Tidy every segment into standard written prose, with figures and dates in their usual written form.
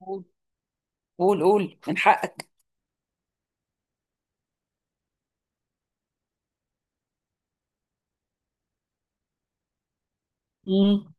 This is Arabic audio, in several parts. قول قول قول من حقك. مم.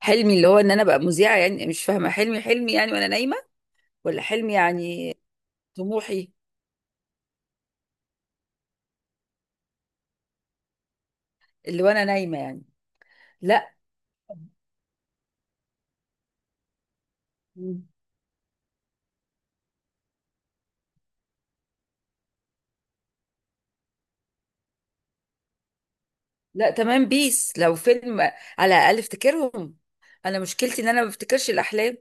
حلمي اللي هو ان انا ابقى مذيعه، يعني مش فاهمه، حلمي حلمي يعني وانا نايمه، ولا حلمي يعني طموحي؟ اللي وانا نايمه يعني. لا. مم. لا تمام، بيس لو فيلم على الاقل افتكرهم. انا مشكلتي ان انا ما بفتكرش الاحلام،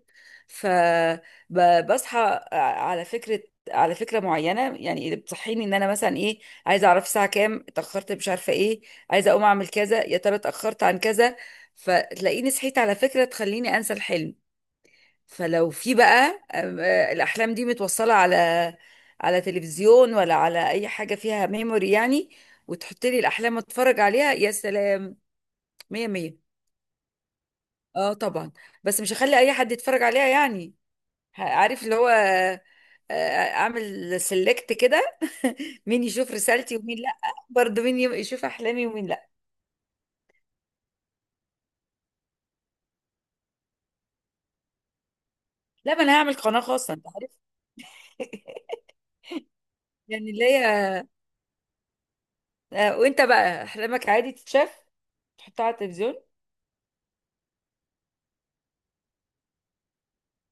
فبصحى على فكره، على فكره معينه، يعني اللي بتصحيني ان انا مثلا ايه؟ عايزه اعرف الساعه كام، اتاخرت، مش عارفه ايه، عايزه اقوم اعمل كذا، يا ترى اتاخرت عن كذا، فتلاقيني صحيت على فكره تخليني انسى الحلم. فلو في بقى آم، آه، الاحلام دي متوصله على تلفزيون ولا على اي حاجه فيها ميموري، يعني وتحط لي الاحلام اتفرج عليها، يا سلام، مية مية. اه طبعا، بس مش هخلي اي حد يتفرج عليها يعني، عارف اللي هو اعمل سيلكت كده. مين يشوف رسالتي ومين لا، برضه مين يشوف احلامي ومين لا. لا، ما انا هعمل قناة خاصة، انت عارف. يعني اللي هي وانت بقى احلامك عادي تتشاف تحطها على التلفزيون؟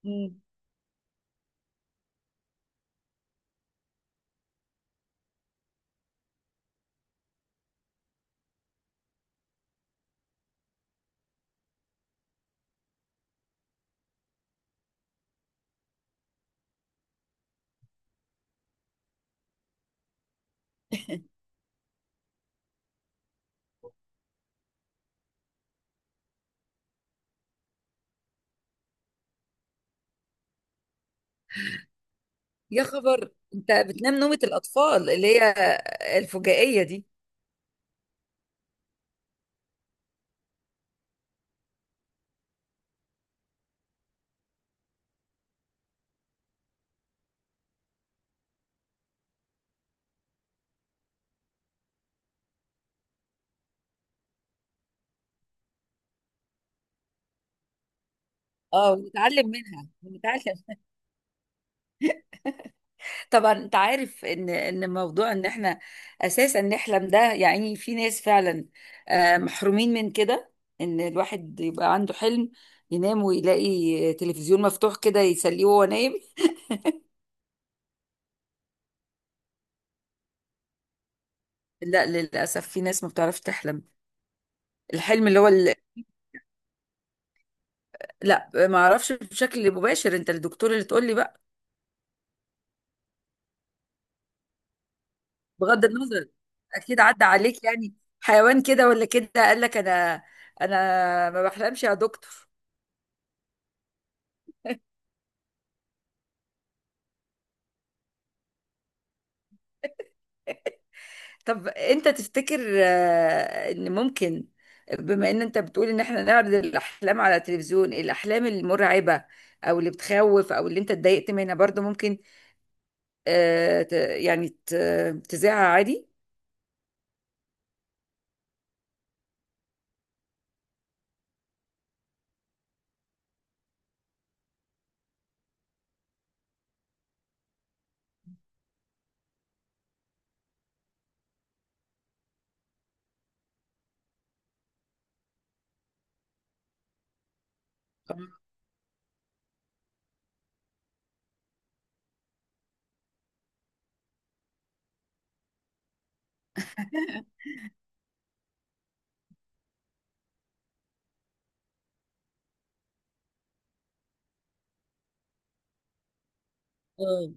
مم. يا خبر، انت بتنام نومة الاطفال اللي هي الفجائية دي. اه ونتعلم منها ونتعلم. طبعا، انت عارف ان موضوع ان احنا اساسا نحلم ده، يعني في ناس فعلا محرومين من كده، ان الواحد يبقى عنده حلم ينام ويلاقي تلفزيون مفتوح كده يسليه وهو نايم. لا للاسف، في ناس ما بتعرفش تحلم، الحلم اللي هو اللي... لا ما اعرفش بشكل مباشر، انت الدكتور اللي تقول لي بقى. بغض النظر، اكيد عدى عليك يعني حيوان كده ولا كده قال لك: انا انا ما بحلمش يا دكتور. طب انت تفتكر ان ممكن، بما ان انت بتقول ان احنا نعرض الاحلام على التلفزيون، الاحلام المرعبة او اللي بتخوف او اللي انت اتضايقت منها برضو، ممكن يعني تذاعها عادي؟ مم.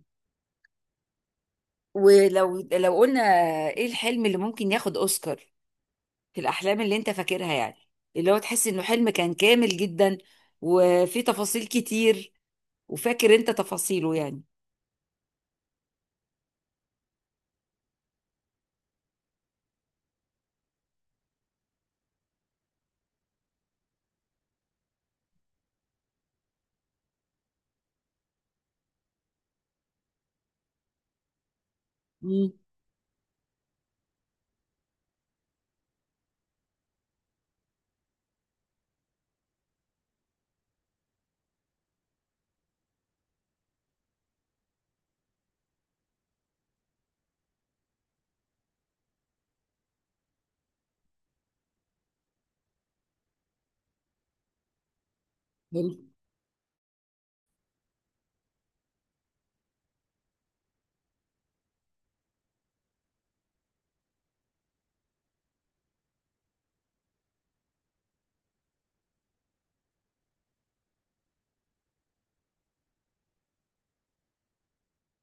ولو قلنا ايه الحلم اللي ممكن ياخد اوسكار في الاحلام اللي انت فاكرها، يعني اللي هو تحس انه حلم كان كامل جدا، وفي تفاصيل كتير، وفاكر انت تفاصيله يعني. مم. حلو.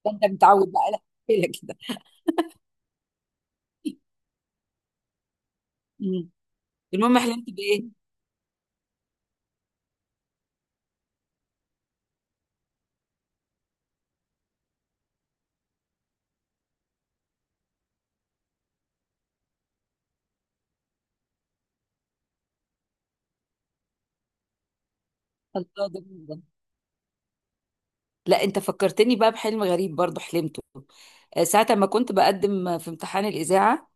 ده انت متعود بقى لك كده. مم. المهم حلمت بايه؟ الله ده جميل ده. لا، انت فكرتني بقى بحلم غريب برضو حلمته ساعة ما كنت بقدم في امتحان الإذاعة،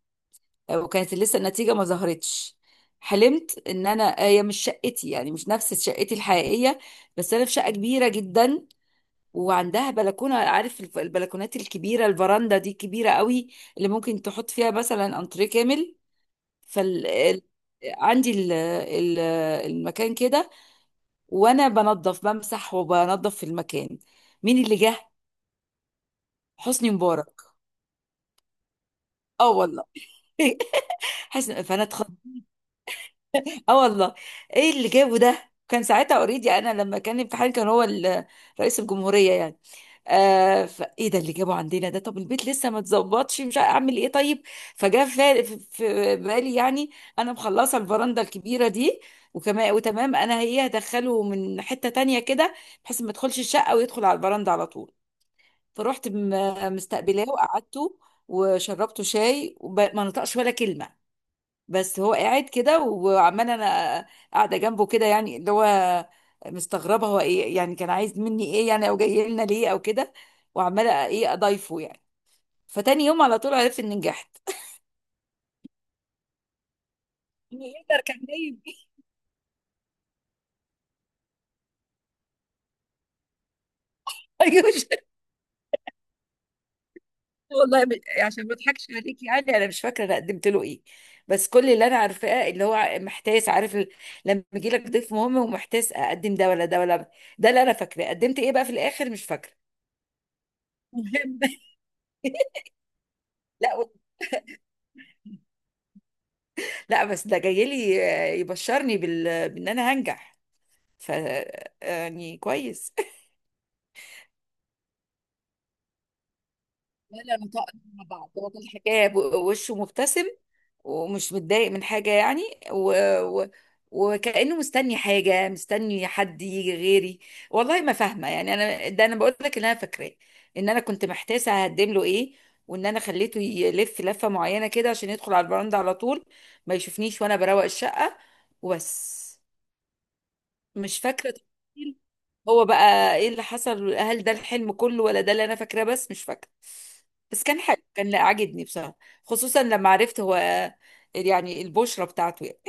وكانت لسه النتيجة ما ظهرتش. حلمت ان انا، هي مش شقتي يعني، مش نفس شقتي الحقيقية، بس انا في شقة كبيرة جدا وعندها بلكونة، عارف البلكونات الكبيرة، الفراندا دي كبيرة قوي، اللي ممكن تحط فيها مثلا انتريه كامل. فال ال- عندي المكان كده، وانا بنظف، بمسح وبنظف في المكان. مين اللي جه؟ حسني مبارك. اه والله. حسن، فانا اتخض. اه والله. ايه اللي جابه ده؟ كان ساعتها اوريدي، انا لما كان في حال كان هو رئيس الجمهوريه يعني. آه فايه ده اللي جابه عندنا ده؟ طب البيت لسه ما اتظبطش، مش عارف اعمل ايه، طيب. فجاء في بالي يعني انا مخلصه الفرنده الكبيره دي، وكمان وتمام انا هي هدخله من حته تانية كده، بحيث ما يدخلش الشقه ويدخل على البرندة على طول. فروحت مستقبلاه وقعدته وشربته شاي، وما نطقش ولا كلمة. بس هو قاعد كده، وعمال انا قاعدة جنبه كده يعني، اللي هو مستغربة هو ايه يعني، كان عايز مني ايه يعني، او جاي لنا ليه، او كده، وعمالة ايه اضايفه يعني. فتاني يوم على طول عرفت اني نجحت. يقدر كان نايم. والله عشان ما اضحكش عليك يعني، انا مش فاكره انا قدمت له ايه. بس كل اللي انا عارفاه اللي هو محتاس، عارف لما يجي لك ضيف مهم ومحتاس اقدم ده ولا ده ولا، ده اللي انا فاكراه، قدمت ايه بقى في الاخر مش فاكره. مهم. لا لا بس ده جاي لي يبشرني بان انا هنجح، ف يعني كويس. لا لا، نطقنا مع بعض، هو كل حكاية وشه مبتسم، ومش متضايق من حاجة يعني، و... و... وكأنه مستني حاجة، مستني حد يجي غيري. والله ما فاهمة، يعني أنا ده أنا بقول لك إن أنا فاكراه، إن أنا كنت محتاسة هقدم له إيه، وإن أنا خليته يلف لفة معينة كده عشان يدخل على البراند على طول ما يشوفنيش وأنا بروق الشقة، وبس. مش فاكرة تفاصيل. هو بقى ايه اللي حصل؟ هل ده الحلم كله ولا ده اللي انا فاكراه بس؟ مش فاكرة. بس كان حلو، كان، لا عاجبني بصراحة، خصوصا لما عرفت هو يعني البشرة بتاعته يعني.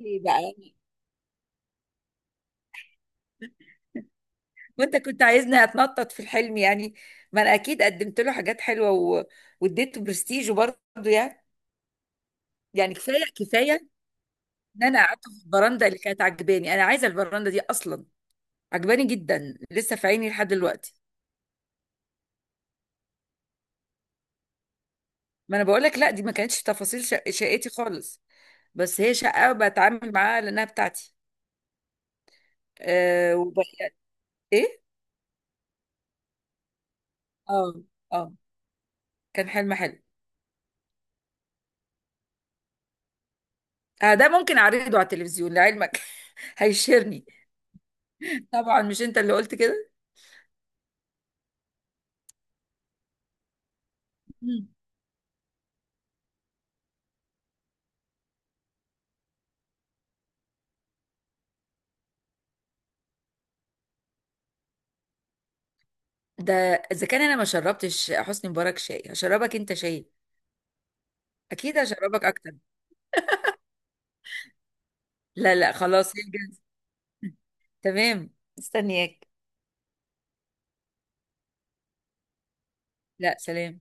ايه بقى؟ وانت كنت عايزني اتنطط في الحلم يعني؟ ما انا اكيد قدمت له حاجات حلوة واديته برستيج برضه يعني، كفاية كفاية، ان انا قعدت في البراندة اللي كانت عجباني، انا عايزة البراندة دي اصلا، عجباني جدا لسه في عيني لحد دلوقتي. ما انا بقول لك، لا دي ما كانتش تفاصيل شقتي خالص، بس هي شقه بتعامل معاها لانها بتاعتي. أه وبقى ايه، اه اه كان حلم حلو. آه، ده ممكن اعرضه على التلفزيون لعلمك. هيشيرني. طبعا مش انت اللي قلت كده. مم. ده اذا كان انا ما شربتش حسني مبارك شاي، هشربك انت شاي، اكيد هشربك اكتر. لا لا خلاص، هي جاهزة. تمام مستنياك. لا سلام.